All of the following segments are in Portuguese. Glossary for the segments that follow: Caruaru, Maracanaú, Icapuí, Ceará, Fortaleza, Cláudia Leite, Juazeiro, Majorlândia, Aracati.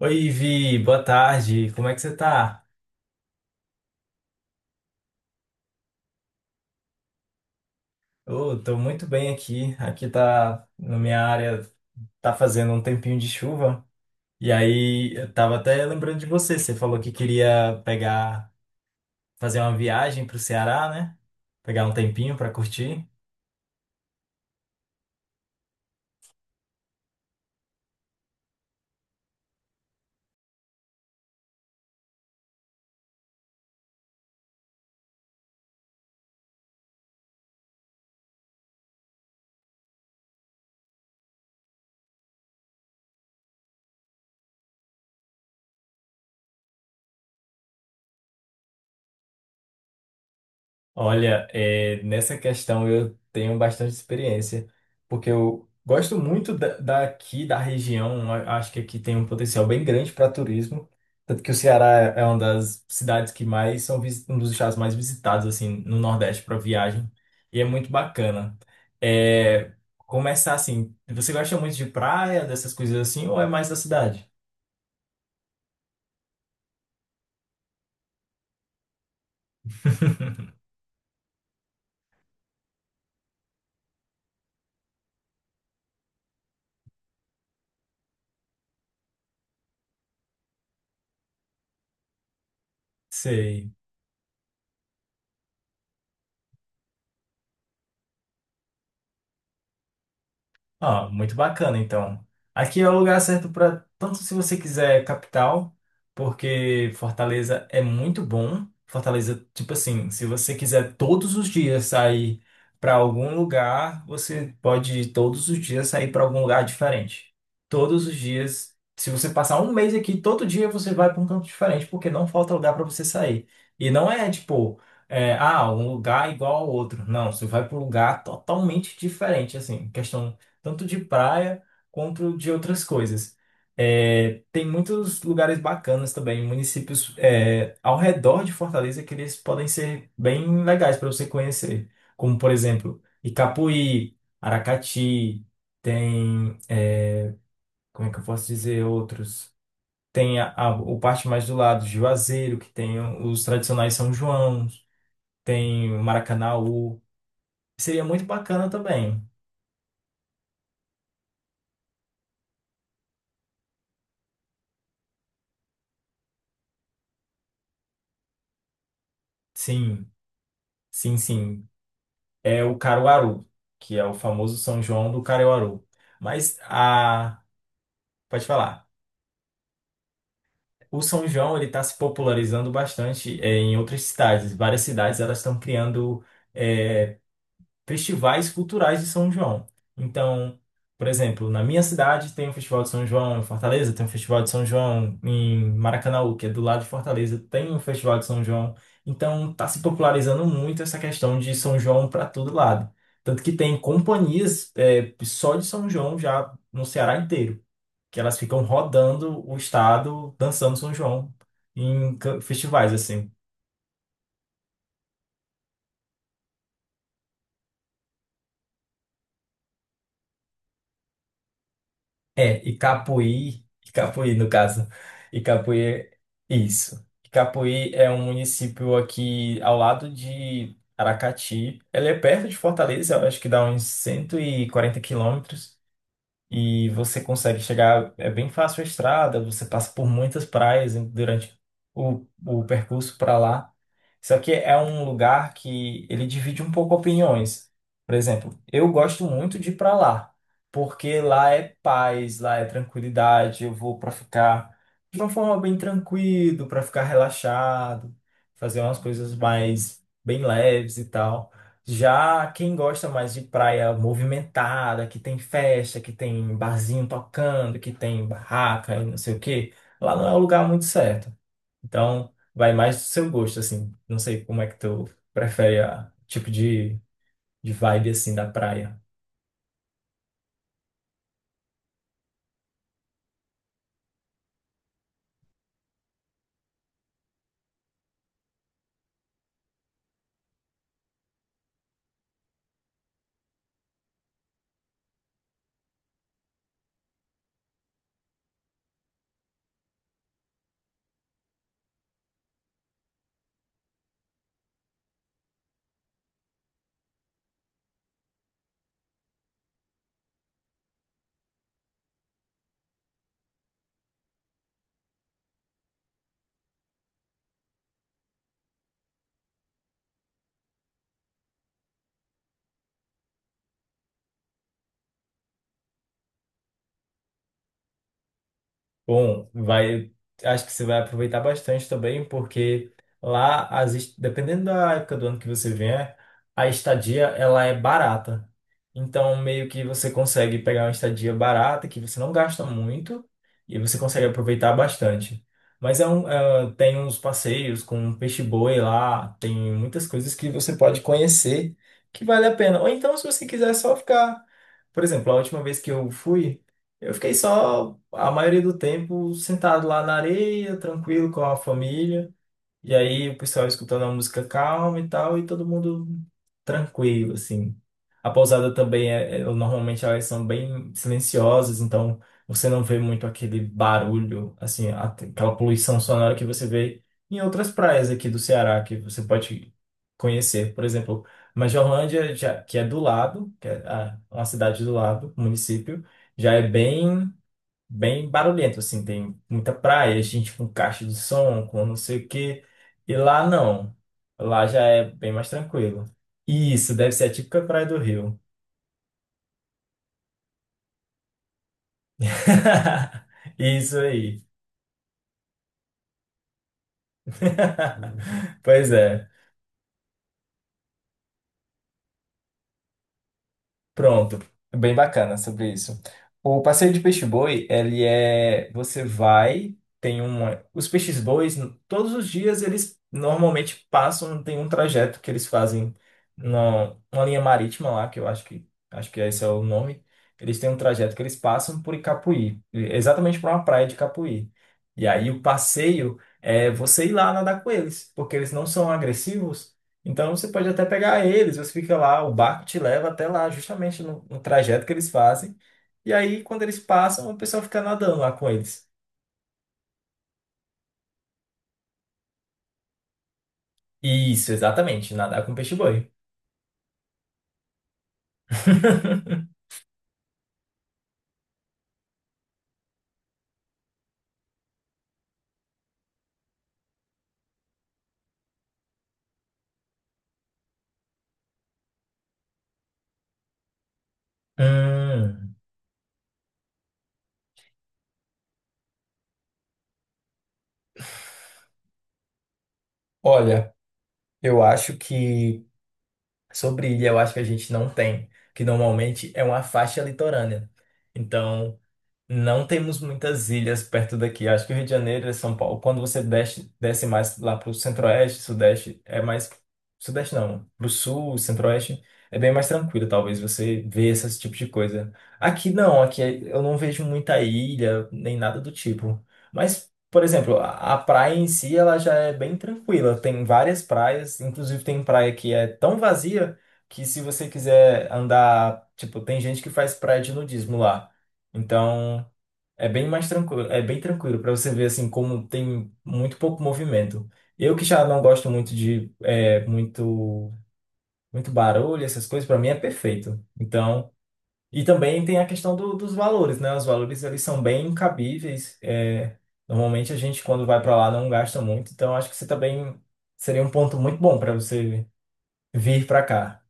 Oi, Vi, boa tarde. Como é que você tá? Eu tô muito bem aqui. Aqui tá, na minha área, tá fazendo um tempinho de chuva. E aí, eu tava até lembrando de você. Você falou que queria pegar, fazer uma viagem pro Ceará, né? Pegar um tempinho pra curtir. Olha, é, nessa questão eu tenho bastante experiência, porque eu gosto muito daqui, da região, acho que aqui tem um potencial bem grande para turismo, tanto que o Ceará é uma das cidades que mais são, um dos estados mais visitados, assim, no Nordeste para viagem, e é muito bacana. É, começar assim, você gosta muito de praia, dessas coisas assim, ou é mais da cidade? Sei. Ah, muito bacana, então. Aqui é o lugar certo para tanto se você quiser capital, porque Fortaleza é muito bom. Fortaleza, tipo assim, se você quiser todos os dias sair para algum lugar, você pode todos os dias sair para algum lugar diferente. Todos os dias, se você passar um mês aqui, todo dia você vai para um canto diferente, porque não falta lugar para você sair. E não é tipo, é, ah, um lugar igual ao outro. Não, você vai para um lugar totalmente diferente, assim, questão tanto de praia quanto de outras coisas. É, tem muitos lugares bacanas também, municípios é, ao redor de Fortaleza que eles podem ser bem legais para você conhecer, como por exemplo Icapuí, Aracati, tem é, como é que eu posso dizer outros? Tem o parte mais do lado, Juazeiro, que tem os tradicionais São João, tem o Maracanaú. Seria muito bacana também. Sim, sim. É o Caruaru, que é o famoso São João do Caruaru. Mas a, pode falar. O São João ele está se popularizando bastante é, em outras cidades. Várias cidades elas estão criando eh, festivais culturais de São João. Então, por exemplo, na minha cidade tem o Festival de São João, em Fortaleza tem o Festival de São João, em Maracanaú, que é do lado de Fortaleza, tem o Festival de São João. Então, está se popularizando muito essa questão de São João para todo lado. Tanto que tem companhias é, só de São João já no Ceará inteiro, que elas ficam rodando o estado dançando São João em festivais, assim. É, Icapuí no caso, Icapuí, isso. Icapuí é um município aqui ao lado de Aracati. Ele é perto de Fortaleza, eu acho que dá uns 140 km e você consegue chegar, é bem fácil a estrada, você passa por muitas praias durante o percurso para lá. Só que é um lugar que ele divide um pouco opiniões. Por exemplo, eu gosto muito de ir para lá, porque lá é paz, lá é tranquilidade, eu vou para ficar de uma forma bem tranquilo, para ficar relaxado, fazer umas coisas mais bem leves e tal. Já quem gosta mais de praia movimentada, que tem festa, que tem barzinho tocando, que tem barraca e não sei o quê, lá não é o lugar muito certo. Então, vai mais do seu gosto, assim. Não sei como é que tu prefere a tipo de vibe, assim, da praia. Bom, vai, acho que você vai aproveitar bastante também, porque lá, as, dependendo da época do ano que você vier, a estadia ela é barata. Então, meio que você consegue pegar uma estadia barata que você não gasta muito e você consegue aproveitar bastante. Mas é um, é, tem uns passeios com peixe-boi lá, tem muitas coisas que você pode conhecer que vale a pena. Ou então, se você quiser só ficar. Por exemplo, a última vez que eu fui. Eu fiquei só a maioria do tempo sentado lá na areia, tranquilo com a família. E aí o pessoal escutando a música calma e tal, e todo mundo tranquilo, assim. A pousada também normalmente elas são bem silenciosas, então você não vê muito aquele barulho, assim, aquela poluição sonora que você vê em outras praias aqui do Ceará, que você pode conhecer. Por exemplo, Majorlândia, já, que é do lado, que é uma cidade do lado, município, já é bem barulhento, assim, tem muita praia, gente com caixa de som, com não sei o quê. E lá não. Lá já é bem mais tranquilo. Isso, deve ser a típica praia do Rio. Isso aí. Pois é. Pronto, bem bacana sobre isso. O passeio de peixe-boi, ele é, você vai, tem uma, os peixes-bois, todos os dias eles normalmente passam, tem um trajeto que eles fazem na uma linha marítima lá, que eu acho que esse é o nome. Eles têm um trajeto que eles passam por Icapuí, exatamente para uma praia de Icapuí. E aí o passeio é você ir lá nadar com eles, porque eles não são agressivos. Então você pode até pegar eles, você fica lá, o barco te leva até lá, justamente no trajeto que eles fazem. E aí, quando eles passam, o pessoal fica nadando lá com eles. Isso, exatamente, nadar com peixe-boi. Hum, olha, eu acho que sobre ilha, eu acho que a gente não tem, que normalmente é uma faixa litorânea. Então, não temos muitas ilhas perto daqui. Acho que o Rio de Janeiro e São Paulo, quando você desce, desce mais lá para o centro-oeste, sudeste, é mais. Sudeste não, para o sul, centro-oeste, é bem mais tranquilo, talvez você vê esse tipo de coisa. Aqui não, aqui é, eu não vejo muita ilha, nem nada do tipo. Mas, por exemplo, a praia em si, ela já é bem tranquila. Tem várias praias, inclusive tem praia que é tão vazia que se você quiser andar. Tipo, tem gente que faz praia de nudismo lá. Então. É bem mais tranquilo, é bem tranquilo para você ver assim como tem muito pouco movimento. Eu que já não gosto muito de é, muito barulho, essas coisas, para mim é perfeito. Então, e também tem a questão dos valores, né? Os valores eles são bem cabíveis. É, normalmente a gente quando vai para lá não gasta muito, então acho que você também seria um ponto muito bom para você vir para cá.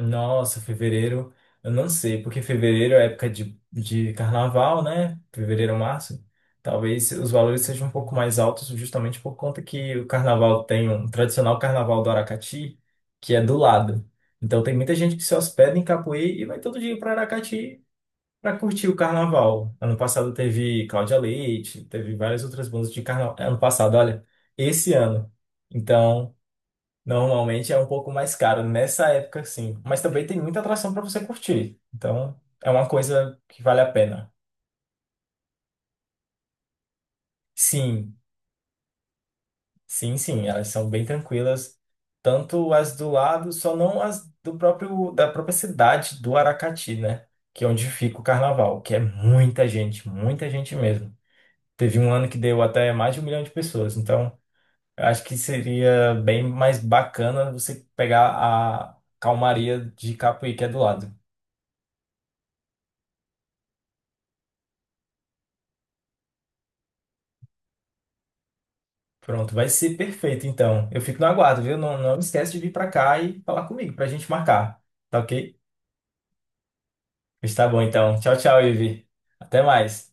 Nossa, fevereiro, eu não sei, porque fevereiro é época de carnaval, né? Fevereiro, março. Talvez os valores sejam um pouco mais altos, justamente por conta que o carnaval tem um tradicional carnaval do Aracati, que é do lado. Então tem muita gente que se hospeda em Capoeira e vai todo dia para Aracati para curtir o carnaval. Ano passado teve Cláudia Leite, teve várias outras bandas de carnaval. Ano passado, olha, esse ano. Então, normalmente é um pouco mais caro nessa época, sim. Mas também tem muita atração para você curtir. Então, é uma coisa que vale a pena. Sim, sim. Elas são bem tranquilas. Tanto as do lado, só não as do próprio, da própria cidade do Aracati, né? Que é onde fica o carnaval, que é muita gente mesmo. Teve um ano que deu até mais de 1 milhão de pessoas. Então, eu acho que seria bem mais bacana você pegar a calmaria de Capuí, que é do lado. Pronto, vai ser perfeito então. Eu fico no aguardo, viu? Não, não esquece de vir pra cá e falar comigo pra gente marcar. Tá ok? Está bom então. Tchau, tchau, Ivi. Até mais.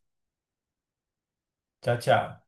Tchau, tchau.